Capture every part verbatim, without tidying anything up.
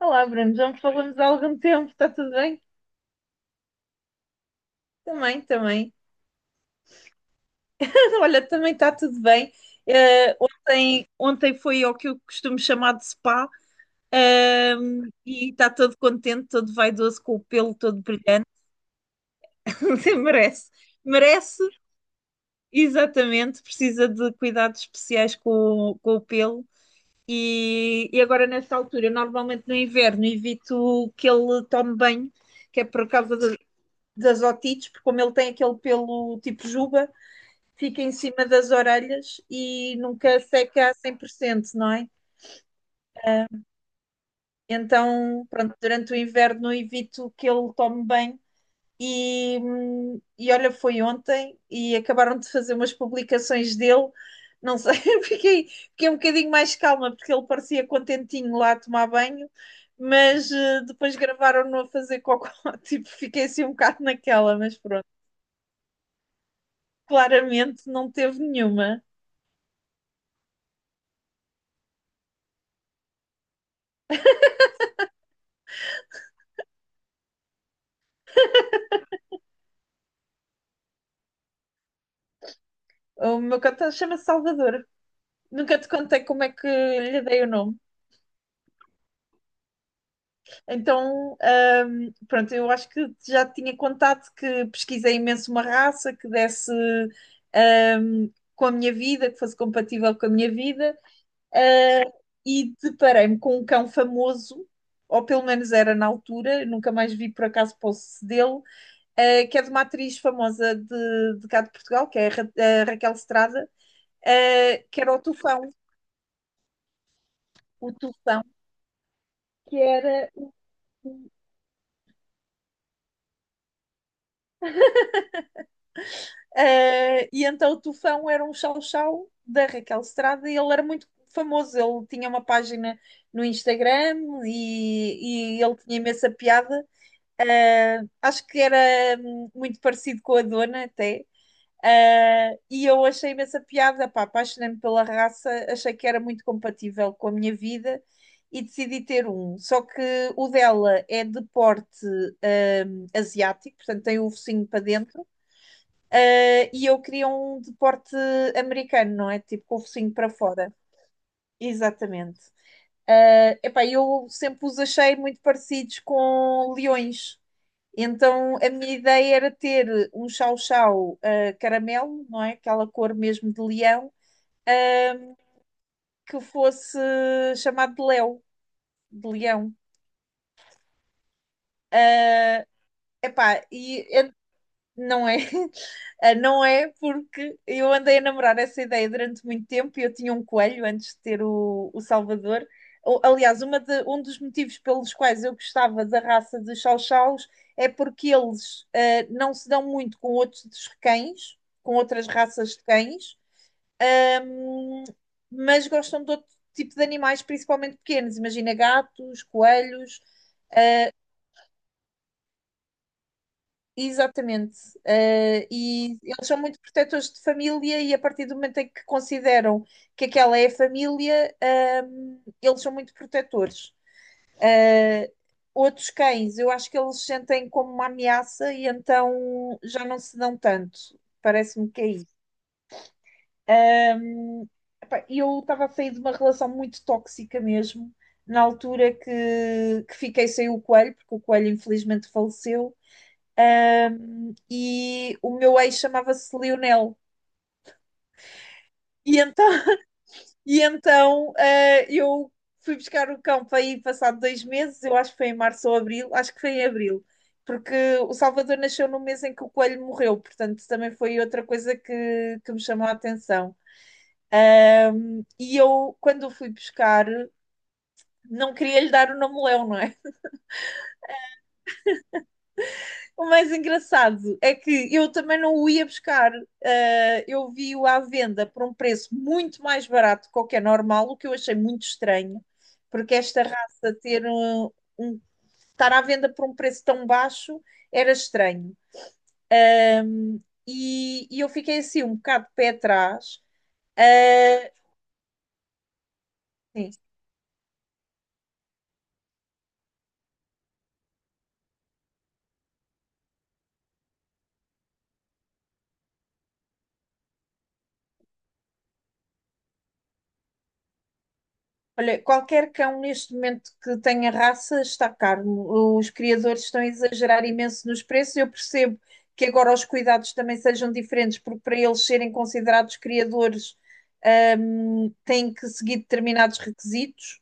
Olá, Bruno, já me falamos há algum tempo, está tudo bem? Também, também. Olha, também está tudo bem. Eh, tem- Ontem foi ao que eu costumo chamar de spa. Ehm, e está todo contente, todo vaidoso, com o pelo todo brilhante. Sim, merece, merece, exatamente. Precisa de cuidados especiais com, o- com o pelo. E, e agora, nesta altura, normalmente no inverno, evito que ele tome banho, que é por causa da- das otites, porque como ele tem aquele pelo tipo juba, fica em cima das orelhas e nunca seca a cem por cento, não é? Então, pronto, durante o inverno evito que ele tome bem. E, hum, e olha, foi ontem e acabaram de fazer umas publicações dele. Não sei, fiquei, fiquei um bocadinho mais calma porque ele parecia contentinho lá a tomar banho, mas eh, depois gravaram-no a fazer cocó. Tipo, fiquei assim um bocado naquela, mas pronto. Claramente não teve nenhuma. O meu cão tá- Chama-se Salvador. Nunca te contei como é que lhe dei o nome. Então, ahm, pronto, eu acho que já te tinha contado que pesquisei imenso uma raça que desse, ahm, com a minha vida, que fosse compatível com a minha vida, ah, e deparei-me com um cão famoso, ou pelo menos era na altura, nunca mais vi por acaso posse dele, ah, que é de uma atriz famosa de, de cá de Portugal, que é a Ra- a Raquel Estrada, ah, que era o Tufão, o Tufão, que era ah, e então o Tufão era um chau-chau da Raquel Estrada e ele era muito famoso. Ele tinha uma página no Instagram e, e ele tinha imensa piada. Ah, acho que era hum, muito parecido com a Dona até. Ah, e eu achei imensa piada, pá, apaixonei-me pela raça, achei que era muito compatível com a minha vida e decidi ter um. Só que o dela é de porte hum, asiático, portanto tem o focinho para dentro, eh, e eu queria um de porte americano, não é? Tipo com o focinho para fora. Exatamente. Eh, epá, eu sempre os achei muito parecidos com leões. Então a minha ideia era ter um chau-chau eh, caramelo, não é? Aquela cor mesmo de leão, que fosse chamado de Léo, de leão. Epá, e Não é. Ah, não é porque eu andei a namorar essa ideia durante muito tempo e eu tinha um coelho antes de ter o, o Salvador. O- Aliás, uma de- um dos motivos pelos quais eu gostava da raça de chow-chows é porque eles ah, não se dão muito com outros dos cães, com outras raças de cães, ahm, mas gostam de outro tipo de animais, principalmente pequenos. Imagina gatos, coelhos. Exatamente. Eh, e eles são muito protetores de família e a partir do momento em que consideram que aquela é a família, ehm, eles são muito protetores. Eh, Outros cães, eu acho que eles sentem como uma ameaça e então já não se dão tanto. Parece-me que é isso. Ehm, Epá, eu estava a sair de uma relação muito tóxica mesmo, na altura que, que fiquei sem o coelho, porque o coelho infelizmente faleceu. E o meu ex chamava-se Lionel. E então, e então eh, eu fui buscar o cão para ir passado dois meses, eu acho que foi em março ou abril, acho que foi em abril, porque o Salvador nasceu no mês em que o coelho morreu, portanto também foi outra coisa que, que me chamou a atenção. E eu, quando o fui buscar, não queria lhe dar o nome Leão, não é? O mais engraçado é que eu também não o ia buscar. Ah, eu vi-o à venda por um preço muito mais barato que o que é normal, o que eu achei muito estranho, porque esta raça ter um, um- estar à venda por um preço tão baixo era estranho. Ah, e, e eu fiquei assim um bocado de pé atrás. Ah, sim. Olha, qualquer cão neste momento que tenha raça está caro. Os criadores estão a exagerar imenso nos preços. Eu percebo que agora os cuidados também sejam diferentes, porque para eles serem considerados criadores, hum, têm que seguir determinados requisitos.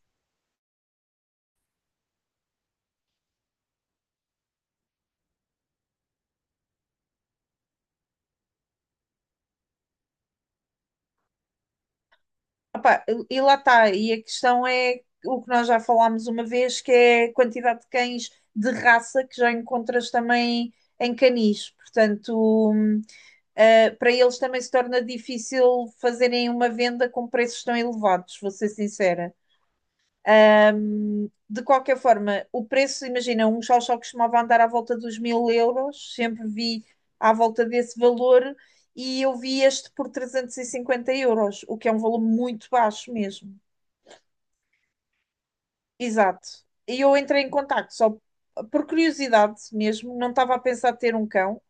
Opá, e lá está. E a questão é o que nós já falámos uma vez, que é a quantidade de cães de raça que já encontras também em canis. Portanto, hum, Uh, para eles também se torna difícil fazerem uma venda com preços tão elevados, vou ser sincera. Um, de qualquer forma, o preço, imagina, um chau-chau costumava andar à volta dos mil euros, sempre vi à volta desse valor e eu vi este por trezentos e cinquenta euros, o que é um valor muito baixo mesmo. Exato. E eu entrei em contacto só por curiosidade mesmo, não estava a pensar ter um cão.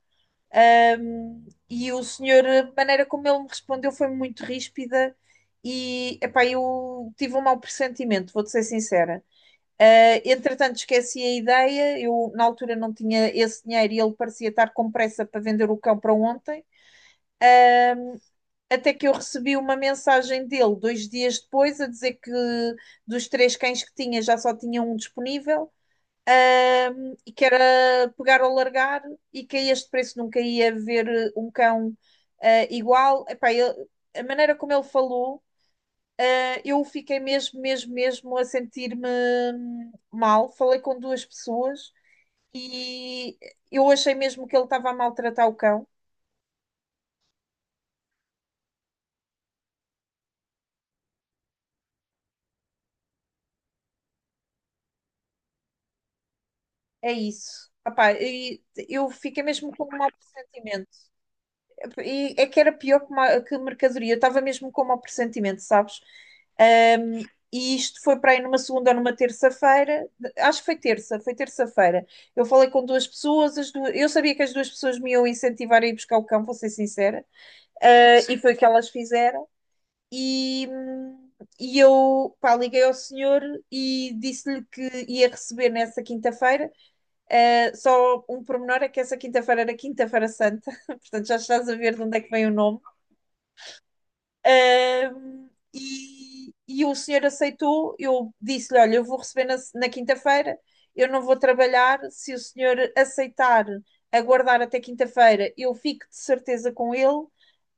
Um, e o senhor, a maneira como ele me respondeu foi muito ríspida e epá, eu tive um mau pressentimento, vou-te ser sincera. Uh, entretanto, esqueci a ideia, eu na altura não tinha esse dinheiro e ele parecia estar com pressa para vender o cão para ontem. Até que eu recebi uma mensagem dele dois dias depois a dizer que dos três cães que tinha já só tinha um disponível. Ahm, e que era pegar ou largar, e que a este preço nunca ia ver eh, um cão ah, igual. Epá, ele- a maneira como ele falou, ah, eu fiquei mesmo, mesmo, mesmo a sentir-me hum, mal. Falei com duas pessoas e eu achei mesmo que ele estava a maltratar o cão. É isso. Epá, e eu fiquei mesmo com um mau pressentimento. E é que era pior que, ma- que mercadoria. Eu estava mesmo com um mau pressentimento, sabes? Um, e isto foi para aí numa segunda ou numa terça-feira. Acho que foi terça, foi terça-feira. Eu falei com duas pessoas, as duas- eu sabia que as duas pessoas me iam incentivar a ir buscar o cão, vou ser sincera. Uh, e foi o que elas fizeram. E, hum, e eu, pá, liguei ao senhor e disse-lhe que ia receber nessa quinta-feira. Uh, só um pormenor é que essa quinta-feira era Quinta-feira Santa, portanto já estás a ver de onde é que vem o nome. Ahm, e, e o senhor aceitou. Eu disse-lhe: "Olha, eu vou receber na, na quinta-feira, eu não vou trabalhar. Se o senhor aceitar aguardar até quinta-feira, eu fico de certeza com ele.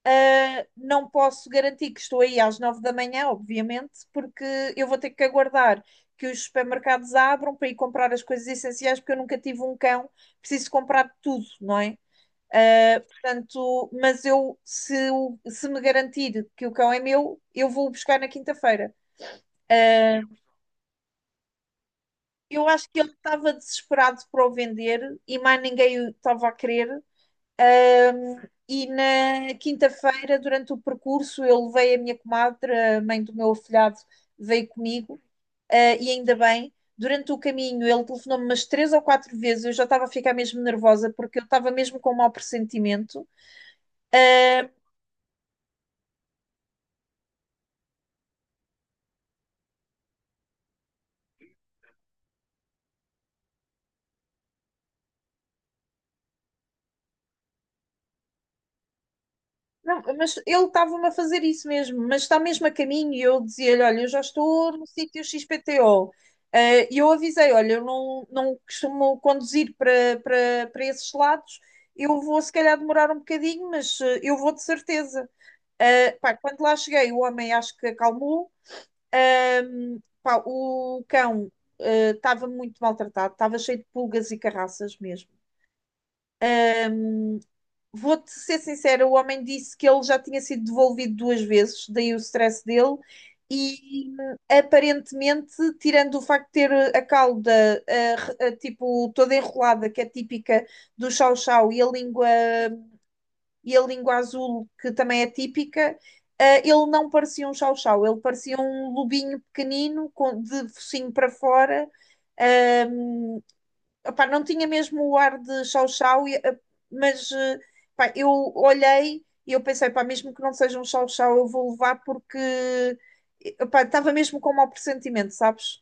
Uh, não posso garantir que estou aí às nove da manhã, obviamente, porque eu vou ter que aguardar que os supermercados abram para ir comprar as coisas essenciais, porque eu nunca tive um cão, preciso comprar tudo, não é? Uh, portanto, mas eu, se, o- se me garantir que o cão é meu, eu vou o buscar na quinta-feira." Uh, eu acho que ele estava desesperado para o vender e mais ninguém o estava a querer. Um, e na quinta-feira, durante o percurso, eu levei a minha comadre, a mãe do meu afilhado, veio comigo, uh, e ainda bem. Durante o caminho, ele telefonou-me umas três ou quatro vezes. Eu já estava a ficar mesmo nervosa porque eu estava mesmo com um mau pressentimento. Ah, não, mas ele estava-me a fazer isso mesmo, mas está mesmo a caminho e eu dizia-lhe: "Olha, eu já estou no sítio X P T O" Eh, E eu avisei: "Olha, eu não, não costumo conduzir para, para, para esses lados, eu vou se calhar demorar um bocadinho, mas eh, eu vou de certeza." Eh, pá, quando lá cheguei, o homem acho que acalmou. Ahm, Pá, o cão eh, estava muito maltratado, estava cheio de pulgas e carraças mesmo. Vou-te ser sincera, o homem disse que ele já tinha sido devolvido duas vezes, daí o stress dele, e aparentemente, tirando o facto de ter a cauda a- a- tipo toda enrolada, que é típica do chau-chau, e a língua e a língua azul, que também é típica, eh, ele não parecia um chau-chau, ele parecia um lobinho pequenino, com, de focinho para fora, ehm, opá, não tinha mesmo o ar de chau-chau. e, eh, mas eh, Pá, eu olhei e eu pensei: "Pá, mesmo que não seja um chau-chau, eu vou levar porque eh, opá, estava mesmo com um mau pressentimento, sabes?"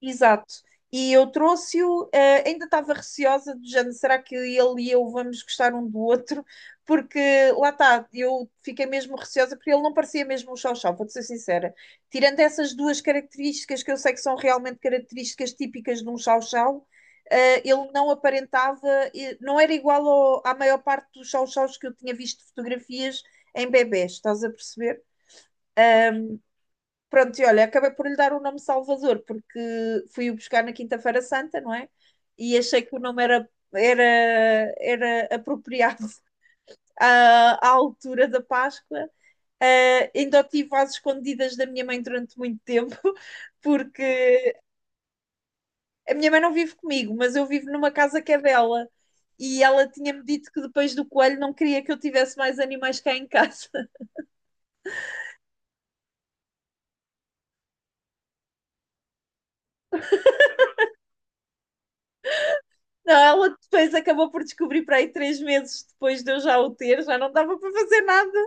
Exato. E eu trouxe-o, eh, ainda estava receosa do género, será que ele e eu vamos gostar um do outro? Porque lá está, eu fiquei mesmo receosa porque ele não parecia mesmo um chau-chau, vou-te ser sincera. Tirando essas duas características que eu sei que são realmente características típicas de um chau-chau, eh, ele não aparentava, eh, não era igual ao- à maior parte dos chau-chaus que eu tinha visto fotografias em bebés, estás a perceber? Pronto, e olha, acabei por lhe dar o nome Salvador, porque fui o buscar na Quinta-feira Santa, não é? E achei que o nome era, era, era apropriado à, à altura da Páscoa. Ah, ainda o tive às escondidas da minha mãe durante muito tempo, porque a minha mãe não vive comigo, mas eu vivo numa casa que é dela. E ela tinha-me dito que depois do coelho não queria que eu tivesse mais animais cá em casa. Não, ela depois acabou por descobrir para aí três meses depois de eu já o ter, já não dava para fazer nada.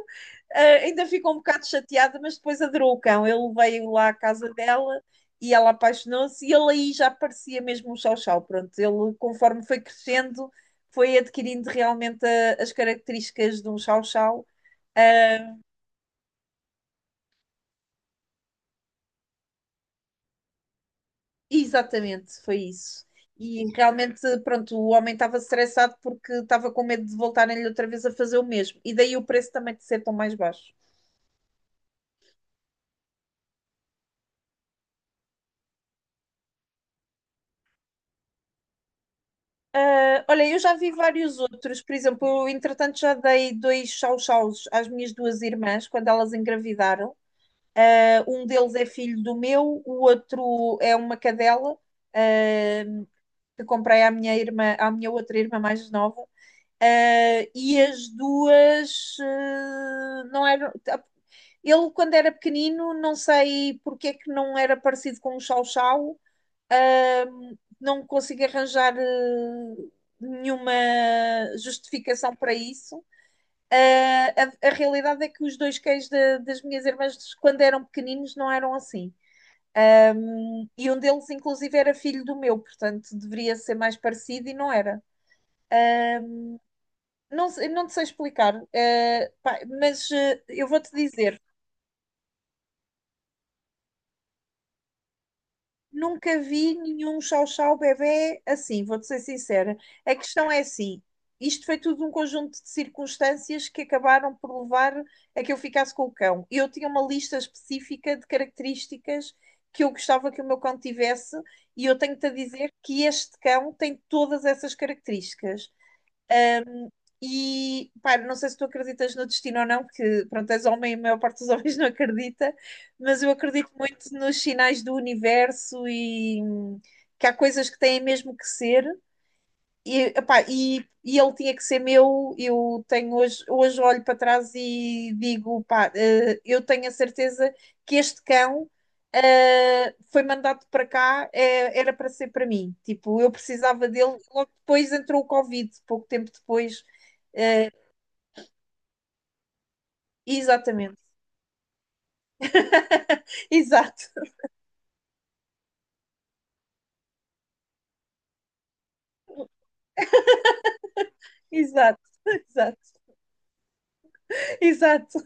Ah, ainda ficou um bocado chateada, mas depois adorou o cão. Ele veio lá à casa dela e ela apaixonou-se e ele aí já parecia mesmo um chau-chau. Pronto, ele conforme foi crescendo, foi adquirindo realmente a- as características de um chau-chau. Ah, exatamente, foi isso. E realmente, pronto, o homem estava estressado porque estava com medo de voltarem-lhe outra vez a fazer o mesmo. E daí o preço também de ser tão mais baixo. Ah, olha, eu já vi vários outros. Por exemplo, eu, entretanto, já dei dois chau-chaus às minhas duas irmãs quando elas engravidaram. Ah, um deles é filho do meu, o outro é uma cadela, ah, que comprei à minha irmã, à minha outra irmã mais nova. Ah, e as duas, ah, não eram. Tá. Ele, quando era pequenino, não sei porque é que não era parecido com o Chau Chau, ah, não consigo arranjar ah, nenhuma justificação para isso. Ah, a, a realidade é que os dois cães da- das minhas irmãs, quando eram pequeninos, não eram assim. Ah, e um deles, inclusive, era filho do meu, portanto, deveria ser mais parecido e não era. Não, sei- não te sei explicar, eh, pá, mas eh, eu vou-te dizer, nunca vi nenhum chau-chau bebé assim, vou-te ser sincera. A questão é assim, isto foi tudo um conjunto de circunstâncias que acabaram por levar a que eu ficasse com o cão. Eu tinha uma lista específica de características que eu gostava que o meu cão tivesse e eu tenho-te a dizer que este cão tem todas essas características. E, pá, não sei se tu acreditas no destino ou não, porque, pronto, és homem e a maior parte dos homens não acredita, mas eu acredito muito nos sinais do universo e hum, que há coisas que têm mesmo que ser. E, epá, e, e ele tinha que ser meu. Eu tenho hoje, hoje olho para trás e digo, pá, eh, eu tenho a certeza que este cão, eh, foi mandado para cá, eh, era para ser para mim. Tipo, eu precisava dele. Logo depois entrou o Covid, pouco tempo depois. Exatamente. Exato, exato. Exato, exato.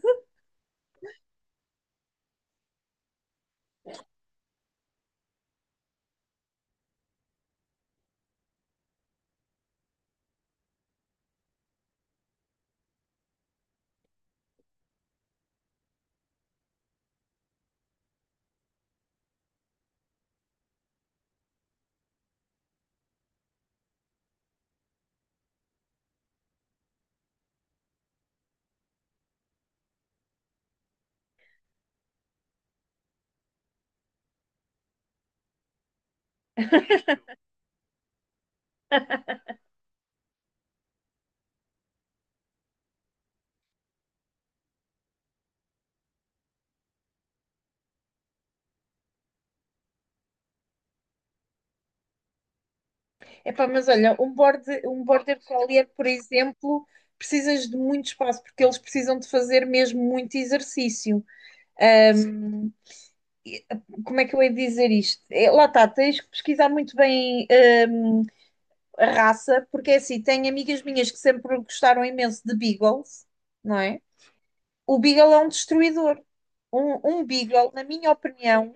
Epá, mas olha, um border, um border collier, por exemplo, precisas de muito espaço, porque eles precisam de fazer mesmo muito exercício. E, eh, como é que eu hei de dizer isto? É, lá está, tens que pesquisar muito bem hum, a raça, porque é assim, tenho amigas minhas que sempre gostaram imenso de beagles, não é? O beagle é um destruidor. Um, um beagle, na minha opinião,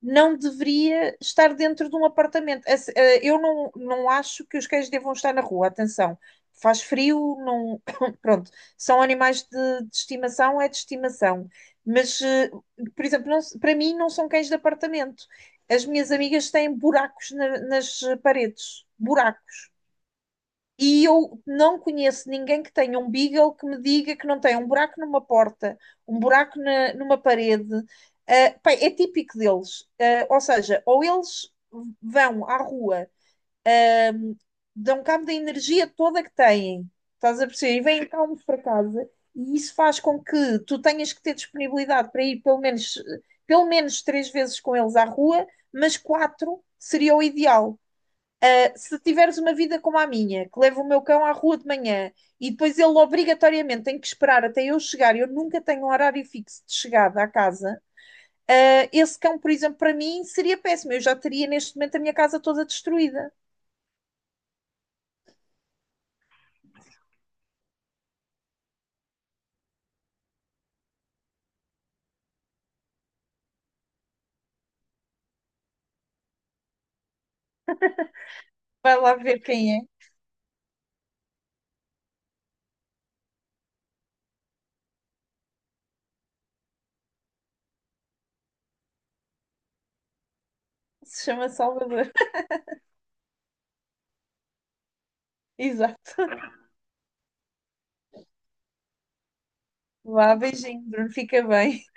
não deveria estar dentro de um apartamento. Esse- eh, eu não, não acho que os cães devam estar na rua, atenção. Faz frio, não. Pronto, são animais de, de estimação, é de estimação. Mas, eh, por exemplo, não se- para mim não são cães de apartamento. As minhas amigas têm buracos na- nas paredes, buracos, e eu não conheço ninguém que tenha um Beagle que me diga que não tem um buraco numa porta, um buraco na- numa parede. Ah, pá, é típico deles. Ah, ou seja, ou eles vão à rua, ahm, dão cabo da energia toda que têm, estás a perceber? E vêm calmos para casa. E isso faz com que tu tenhas que ter disponibilidade para ir pelo menos, pelo menos três vezes com eles à rua, mas quatro seria o ideal. Uh, se tiveres uma vida como a minha, que leva o meu cão à rua de manhã e depois ele obrigatoriamente tem que esperar até eu chegar, eu nunca tenho um horário fixo de chegada à casa, uh, esse cão, por exemplo, para mim seria péssimo. Eu já teria neste momento a minha casa toda destruída. Vai lá ver quem é. Se chama Salvador. Exato. Vá, beijinho, Bruno. Fica bem.